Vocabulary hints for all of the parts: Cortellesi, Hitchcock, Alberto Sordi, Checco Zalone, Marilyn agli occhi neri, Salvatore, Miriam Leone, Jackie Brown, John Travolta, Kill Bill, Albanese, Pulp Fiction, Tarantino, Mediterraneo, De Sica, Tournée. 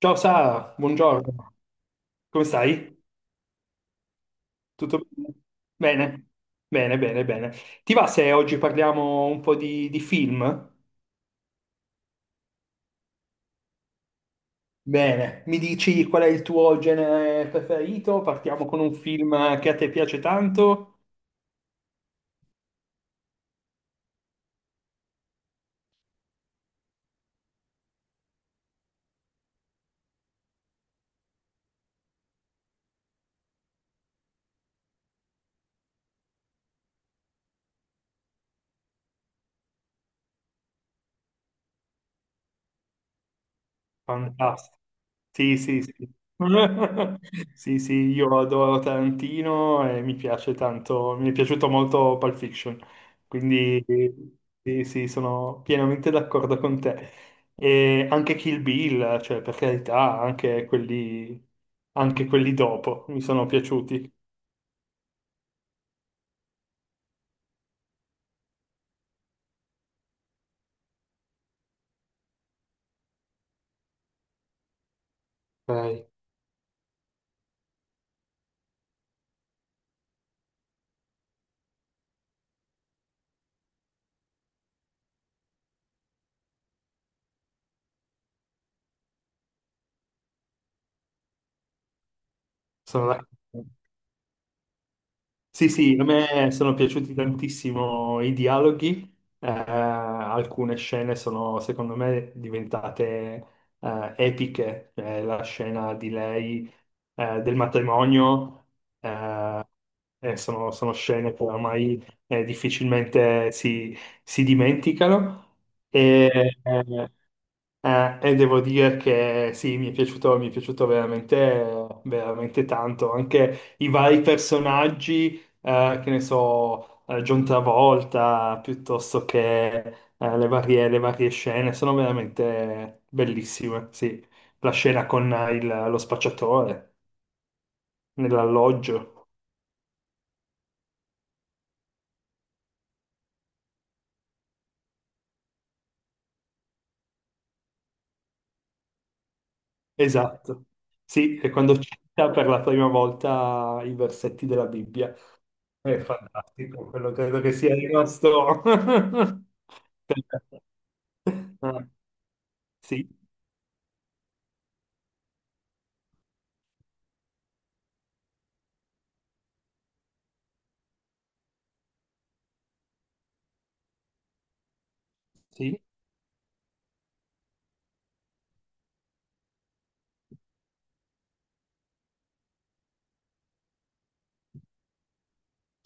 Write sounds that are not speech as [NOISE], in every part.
Ciao Sara, buongiorno. Come stai? Tutto bene? Bene, bene, bene. Ti va se oggi parliamo un po' di film? Bene, mi dici qual è il tuo genere preferito? Partiamo con un film che a te piace tanto? Fantastico. Sì, sì, sì. [LAUGHS] Sì, sì, io adoro Tarantino e mi piace tanto, mi è piaciuto molto Pulp Fiction, quindi sì, sì, sono pienamente d'accordo con te. E anche Kill Bill, cioè per carità, anche quelli dopo mi sono piaciuti. Ok, sono d'accordo. Sì, sì, a me sono piaciuti tantissimo i dialoghi. Alcune scene sono secondo me diventate epiche. Cioè, la scena di lei del matrimonio. Eh, eh, sono, sono scene che ormai difficilmente si dimenticano. E, eh, e devo dire che sì, mi è piaciuto veramente, veramente tanto. Anche i vari personaggi, che ne so, John Travolta, piuttosto che le varie scene, sono veramente bellissime. Sì, la scena con lo spacciatore nell'alloggio. Esatto. Sì, e quando cita per la prima volta i versetti della Bibbia. È fantastico, quello credo che sia rimasto. [LAUGHS] Ah, sì, sì,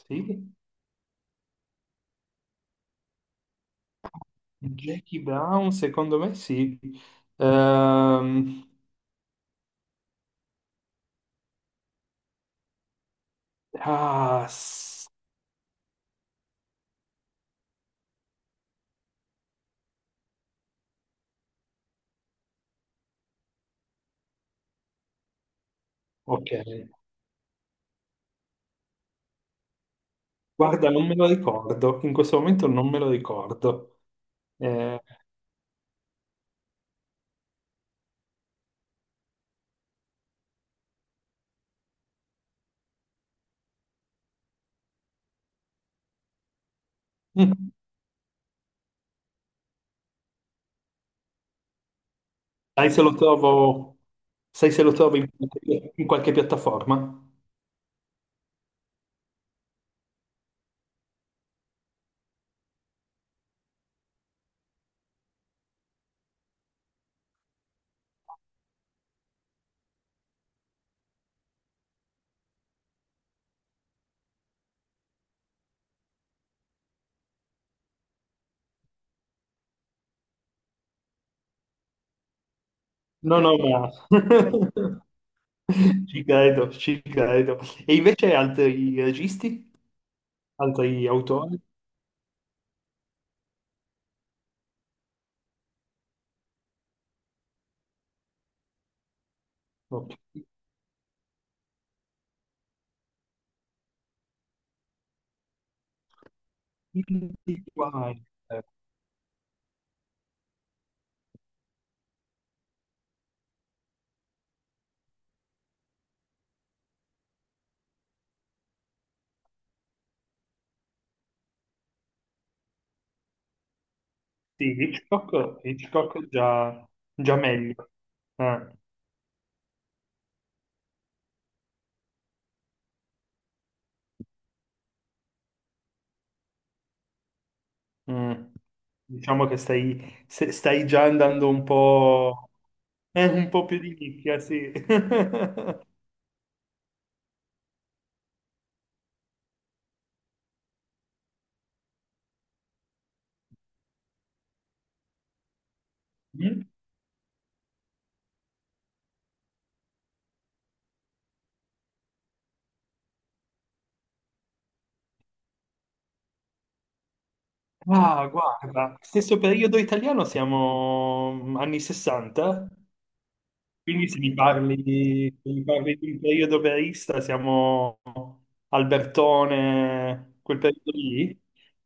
sì. Jackie Brown, secondo me sì. Ehm, ah, ok. Guarda, non me lo ricordo. In questo momento non me lo ricordo. Eh, [LAUGHS] mm, sai se lo trovo, sai se lo trovo in qualche piattaforma? No, no, ma. [LAUGHS] Ci credo, ci credo. E invece altri registi, altri autori? No, quindi qua, eh, sì, Hitchcock, Hitchcock già, già meglio. Eh, mm. Diciamo che stai, se- stai già andando un po' più di nicchia, sì. [LAUGHS] Mm? Ah, guarda, stesso periodo italiano, siamo anni 60. Quindi se mi parli di un periodo verista, siamo Albertone, quel periodo lì?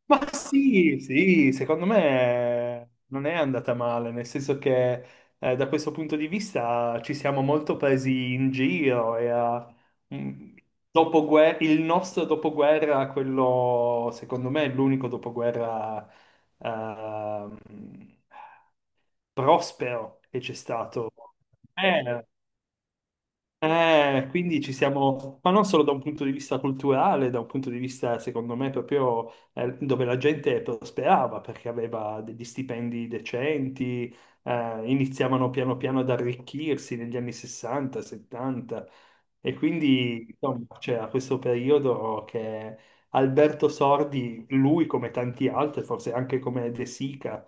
Ma sì, sì, secondo me non è andata male, nel senso che da questo punto di vista ci siamo molto presi in giro e mh, il nostro dopoguerra, quello secondo me è l'unico dopoguerra ehm, prospero che c'è stato. Eh, quindi ci siamo, ma non solo da un punto di vista culturale, da un punto di vista, secondo me, proprio dove la gente prosperava perché aveva degli stipendi decenti. Iniziavano piano piano ad arricchirsi negli anni 60, 70, e quindi insomma, c'era questo periodo che Alberto Sordi, lui come tanti altri, forse anche come De Sica,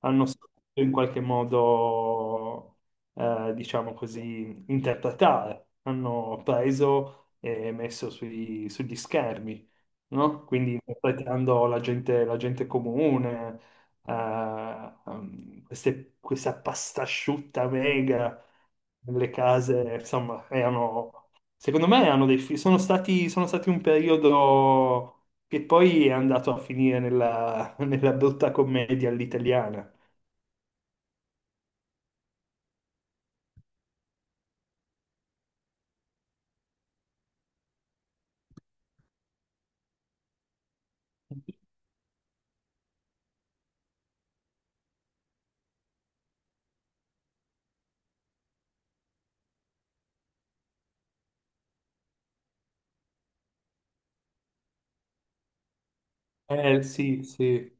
hanno saputo in qualche modo, diciamo così interpretare, hanno preso e messo sugli schermi, no? Quindi interpretando la gente comune, eh, questa pasta asciutta mega nelle case, insomma, erano, secondo me erano dei, sono stati un periodo che poi è andato a finire nella, [LAUGHS] nella brutta commedia all'italiana. Eh sì, sì.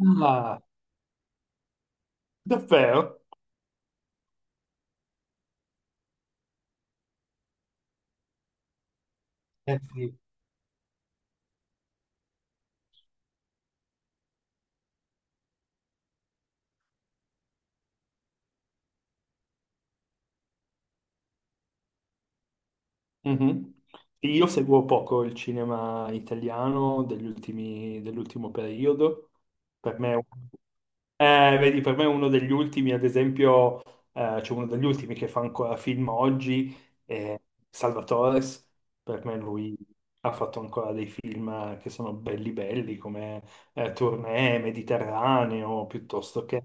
Ah, davvero? Eh sì. Mhm. Io seguo poco il cinema italiano degli dell'ultimo periodo. Per me, vedi, per me è uno degli ultimi, ad esempio. C'è uno degli ultimi che fa ancora film oggi, è Salvatore. Per me lui ha fatto ancora dei film che sono belli belli, come Tournée, Mediterraneo, piuttosto che.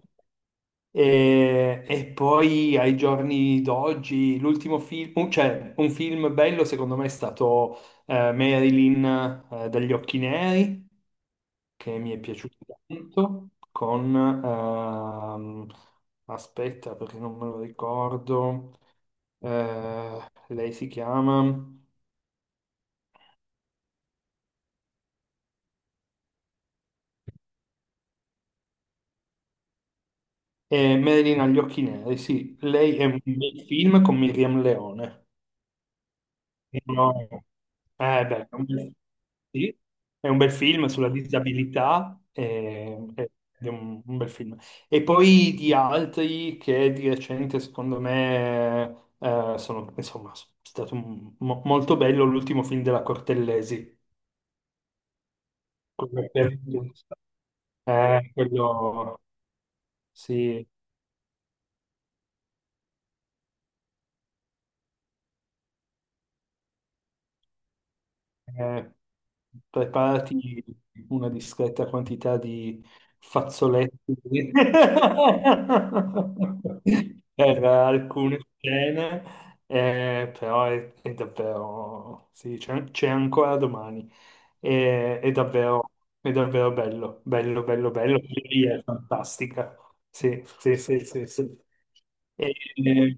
E poi ai giorni d'oggi, l'ultimo film, cioè un film bello secondo me è stato Marilyn dagli occhi neri, che mi è piaciuto tanto, con, aspetta perché non me lo ricordo. Eh, lei si chiama Marilyn agli occhi neri, sì, lei è un bel film con Miriam Leone. No. Beh, sì, è un bel film sulla disabilità, ed è un bel film. E poi di altri che di recente, secondo me, sono, insomma, è stato molto bello l'ultimo film della Cortellesi. Quello, quello, sì. Eh, Preparati una discreta quantità di fazzoletti [LAUGHS] per alcune scene. Però è, davvero, sì, c'è ancora domani. È davvero, è davvero bello, bello, bello, bello. Lì è fantastica. Sì, sì, sì, sì, sì. E,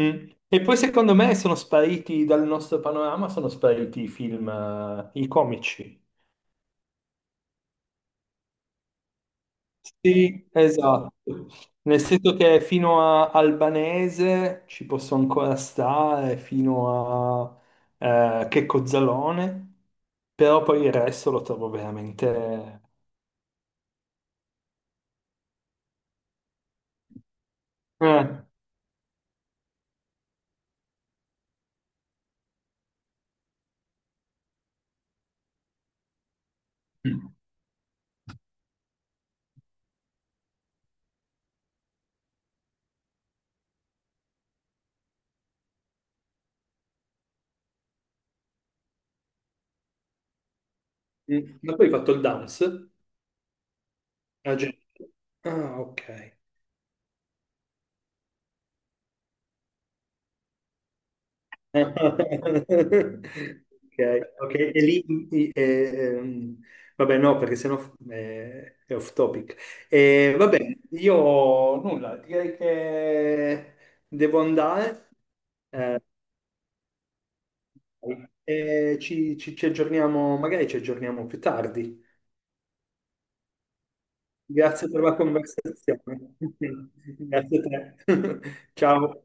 mm. E poi secondo me sono spariti dal nostro panorama, sono spariti i film, i comici. Sì, esatto. Nel senso che fino a Albanese ci posso ancora stare, fino a Checco Zalone, però poi il resto lo trovo veramente. Eh. Mm. Ma poi hai fatto il dance? Ah, già. Ah, ok. Ok, ok, e lì, i- eh, ehm, vabbè no, perché sennò è off topic. Vabbè, io nulla, direi che devo andare, eh, e ci aggiorniamo, magari ci aggiorniamo più tardi. Grazie per la conversazione. [LAUGHS] Grazie a te. [LAUGHS] Ciao.